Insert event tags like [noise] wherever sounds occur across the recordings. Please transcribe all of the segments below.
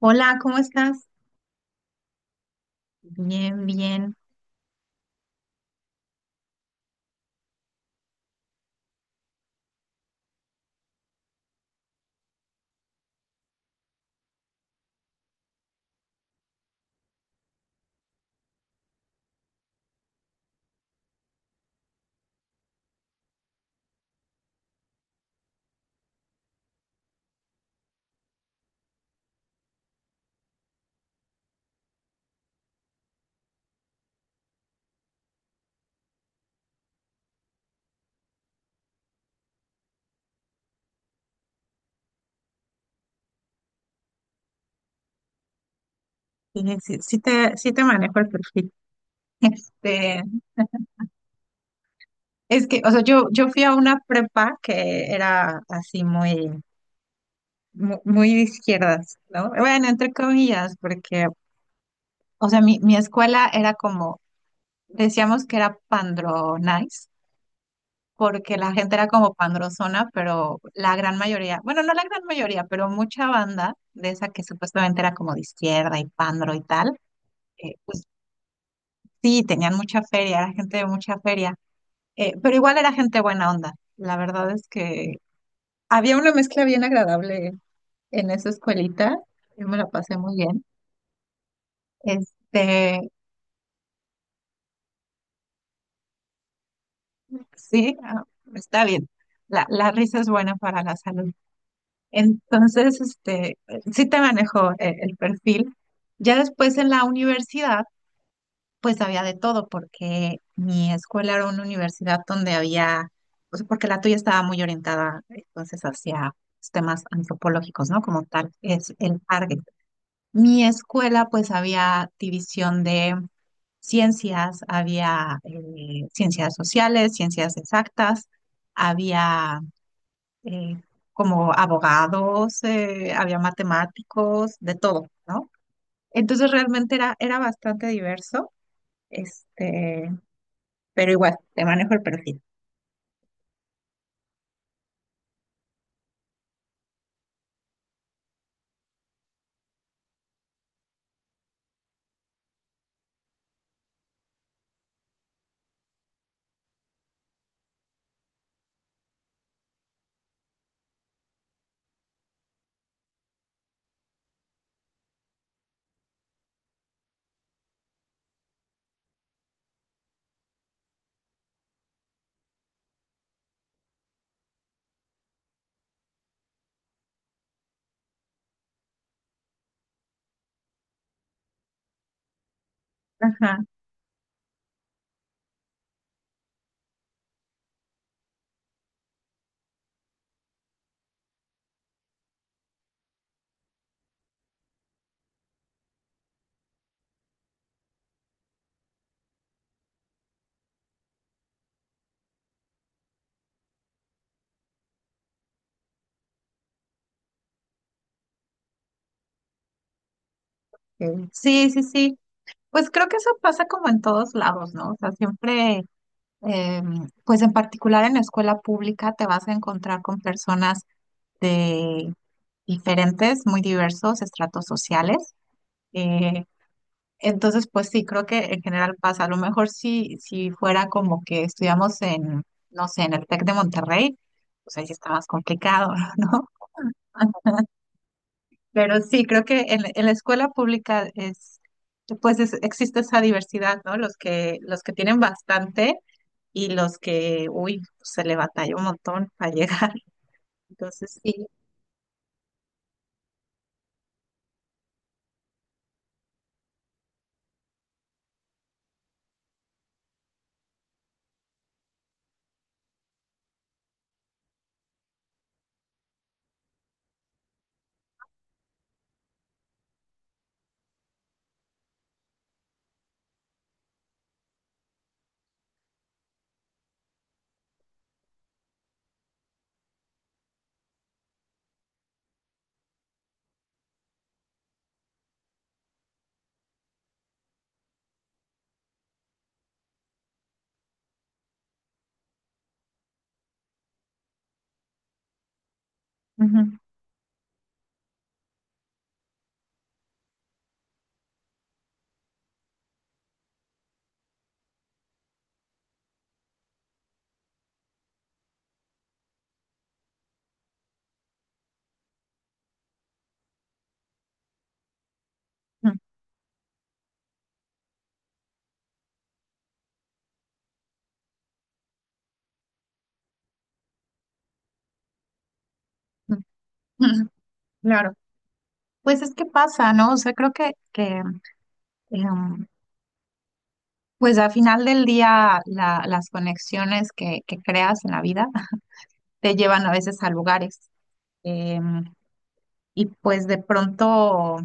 Hola, ¿cómo estás? Bien, bien. Sí, sí te manejo el perfil. [laughs] Este, es que, o sea, yo fui a una prepa que era así muy de izquierdas, ¿no? Bueno, entre comillas, porque, o sea, mi escuela era como, decíamos que era pandro nice, porque la gente era como pandrozona, pero la gran mayoría, bueno, no la gran mayoría, pero mucha banda de esa que supuestamente era como de izquierda y pandro y tal, pues sí, tenían mucha feria, era gente de mucha feria, pero igual era gente buena onda. La verdad es que había una mezcla bien agradable en esa escuelita. Yo me la pasé muy bien. Este, sí, está bien. La risa es buena para la salud. Entonces, sí te manejo el perfil. Ya después en la universidad pues había de todo, porque mi escuela era una universidad donde había, o porque la tuya estaba muy orientada entonces hacia los temas antropológicos, ¿no? Como tal, es el target. Mi escuela, pues había división de ciencias, había ciencias sociales, ciencias exactas, había eh, como abogados, había matemáticos, de todo, ¿no? Entonces realmente era bastante diverso. Este, pero igual, te manejo el perfil. Ajá. Ok. Sí, sí, sí. Pues creo que eso pasa como en todos lados, ¿no? O sea, siempre, eh, pues en particular en la escuela pública te vas a encontrar con personas de diferentes, muy diversos estratos sociales. Eh, entonces, pues sí, creo que en general pasa. A lo mejor si fuera como que estudiamos en, no sé, en el TEC de Monterrey, pues ahí sí está más complicado, [laughs] ¿no? Pero sí, creo que en la escuela pública es, pues es- existe esa diversidad, ¿no? Los que tienen bastante y los que, uy, se le batalla un montón para llegar. [laughs] Entonces, sí. Ujú, ujú, ujú. [laughs] Ujú. Claro. Pues es que pasa, ¿no? O sea, creo que em, pues al final del día la- las conexiones que creas en la vida [laughs] te llevan a veces a lugares. em, y pues de pronto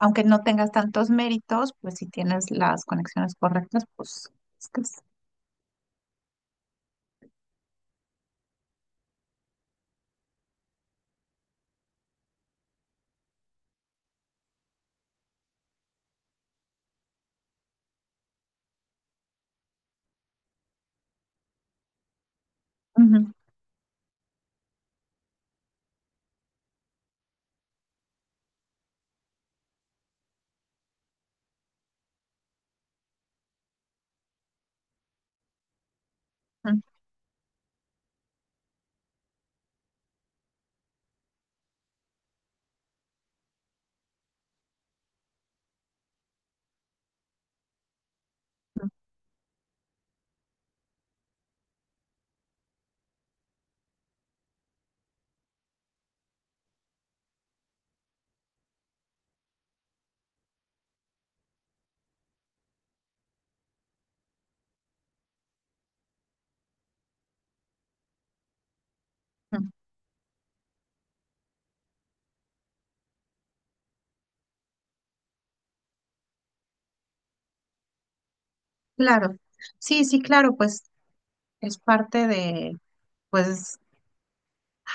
aunque no tengas tantos méritos, pues si tienes las conexiones correctas, pues estás. Ujú, ujú, ujú. Claro, sí, sí, claro, pues es parte de, pues,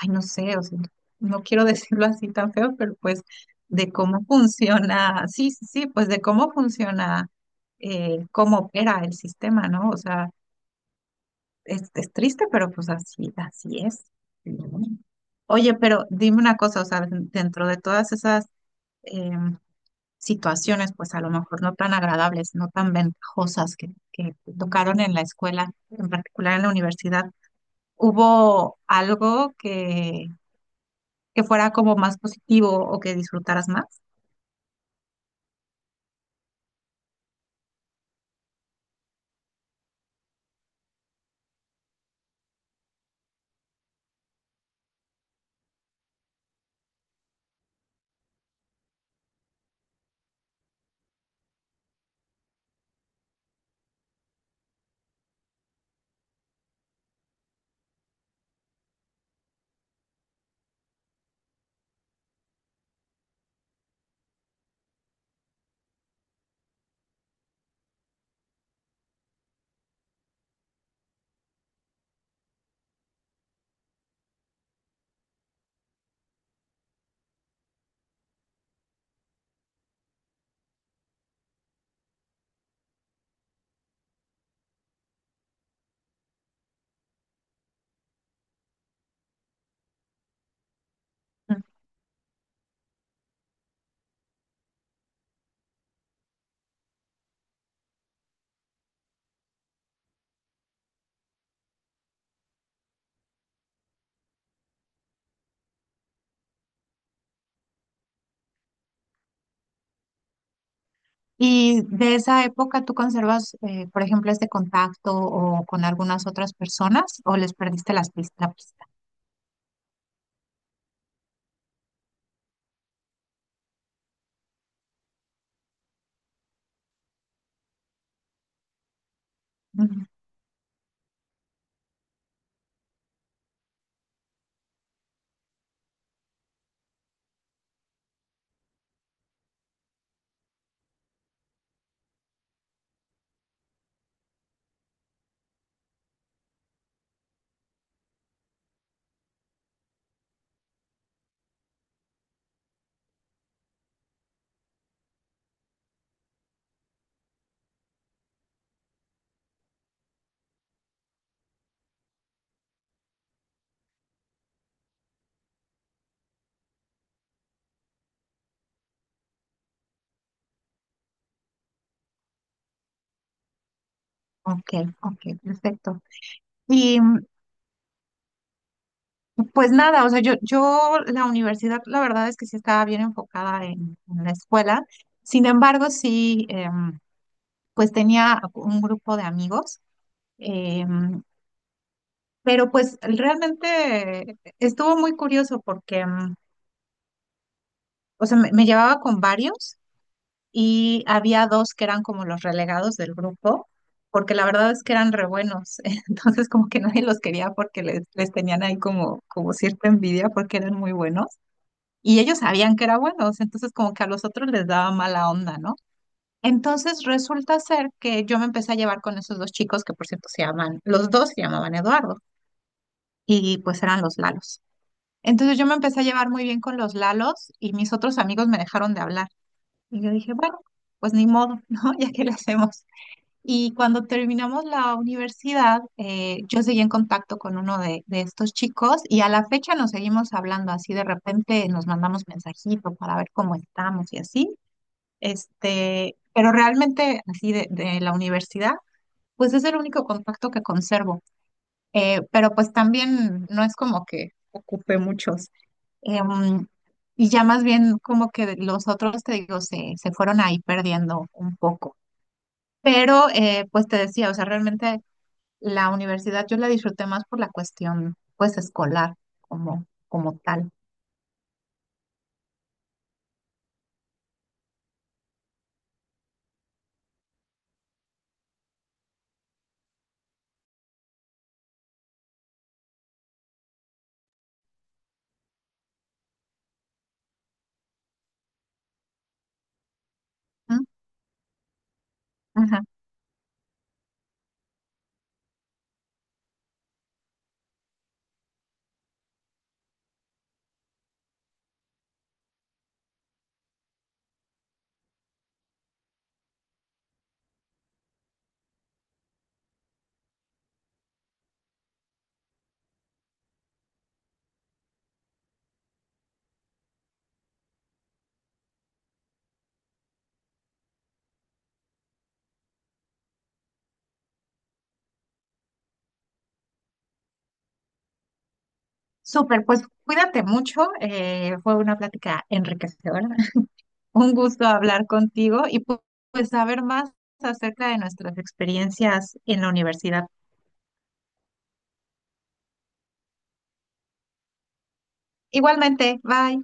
ay, no sé, o sea, no quiero [laughs] decirlo así tan feo, pero pues de cómo funciona, sí, sí, sí, pues de cómo funciona, cómo opera el sistema, ¿no? O sea, es triste, pero pues así, así es. Ujú. Oye, pero dime una cosa, o sea, dentro de todas esas em, situaciones, pues a lo mejor no tan agradables, no tan ventajosas que tocaron en la escuela, en particular en la universidad, ¿hubo algo que fuera como más positivo o que disfrutaras más? Mm. Y de esa época, ¿tú conservas, por ejemplo, este contacto o con algunas otras personas o les perdiste la pista? Ujú. Ok, ok, perfecto. Y pues nada, o sea, yo la universidad, la verdad es que sí estaba bien enfocada en la escuela. Sin embargo, sí, pues tenía un grupo de amigos, em, pero pues realmente estuvo muy curioso porque, o sea, me llevaba con varios y había dos que eran como los relegados del grupo, porque la verdad es que eran re buenos, [laughs] entonces como que nadie los quería porque les tenían ahí como, como cierta envidia porque eran muy buenos. Y ellos sabían que era buenos, entonces como que a los otros les daba mala onda, ¿no? Entonces resulta ser que yo me empecé a llevar con esos dos chicos que por cierto los dos se llamaban Eduardo y pues eran los Lalos. Entonces yo me empecé a llevar muy bien con los Lalos y mis otros amigos me dejaron de hablar. Y yo dije, bueno, pues ni modo, [laughs] ¿no? ¿Ya qué le hacemos? Y cuando terminamos la universidad, yo seguí en contacto con uno de estos chicos y a la fecha nos seguimos hablando así, de repente nos mandamos mensajitos para ver cómo estamos y así. Pero realmente así de la universidad, pues es el único contacto que conservo. Pero pues también no es como que ocupe muchos. Em, y ya más bien como que los otros, te digo, se fueron ahí perdiendo un poco. Pero, pues te decía, o sea, realmente la universidad yo la disfruté más por la cuestión, pues, escolar, como tal. ¿Mm? Ajá. Súper, pues cuídate mucho. Eh, fue una plática enriquecedora. [laughs] Un gusto hablar contigo y pues saber más acerca de nuestras experiencias en la universidad. Igualmente, bye.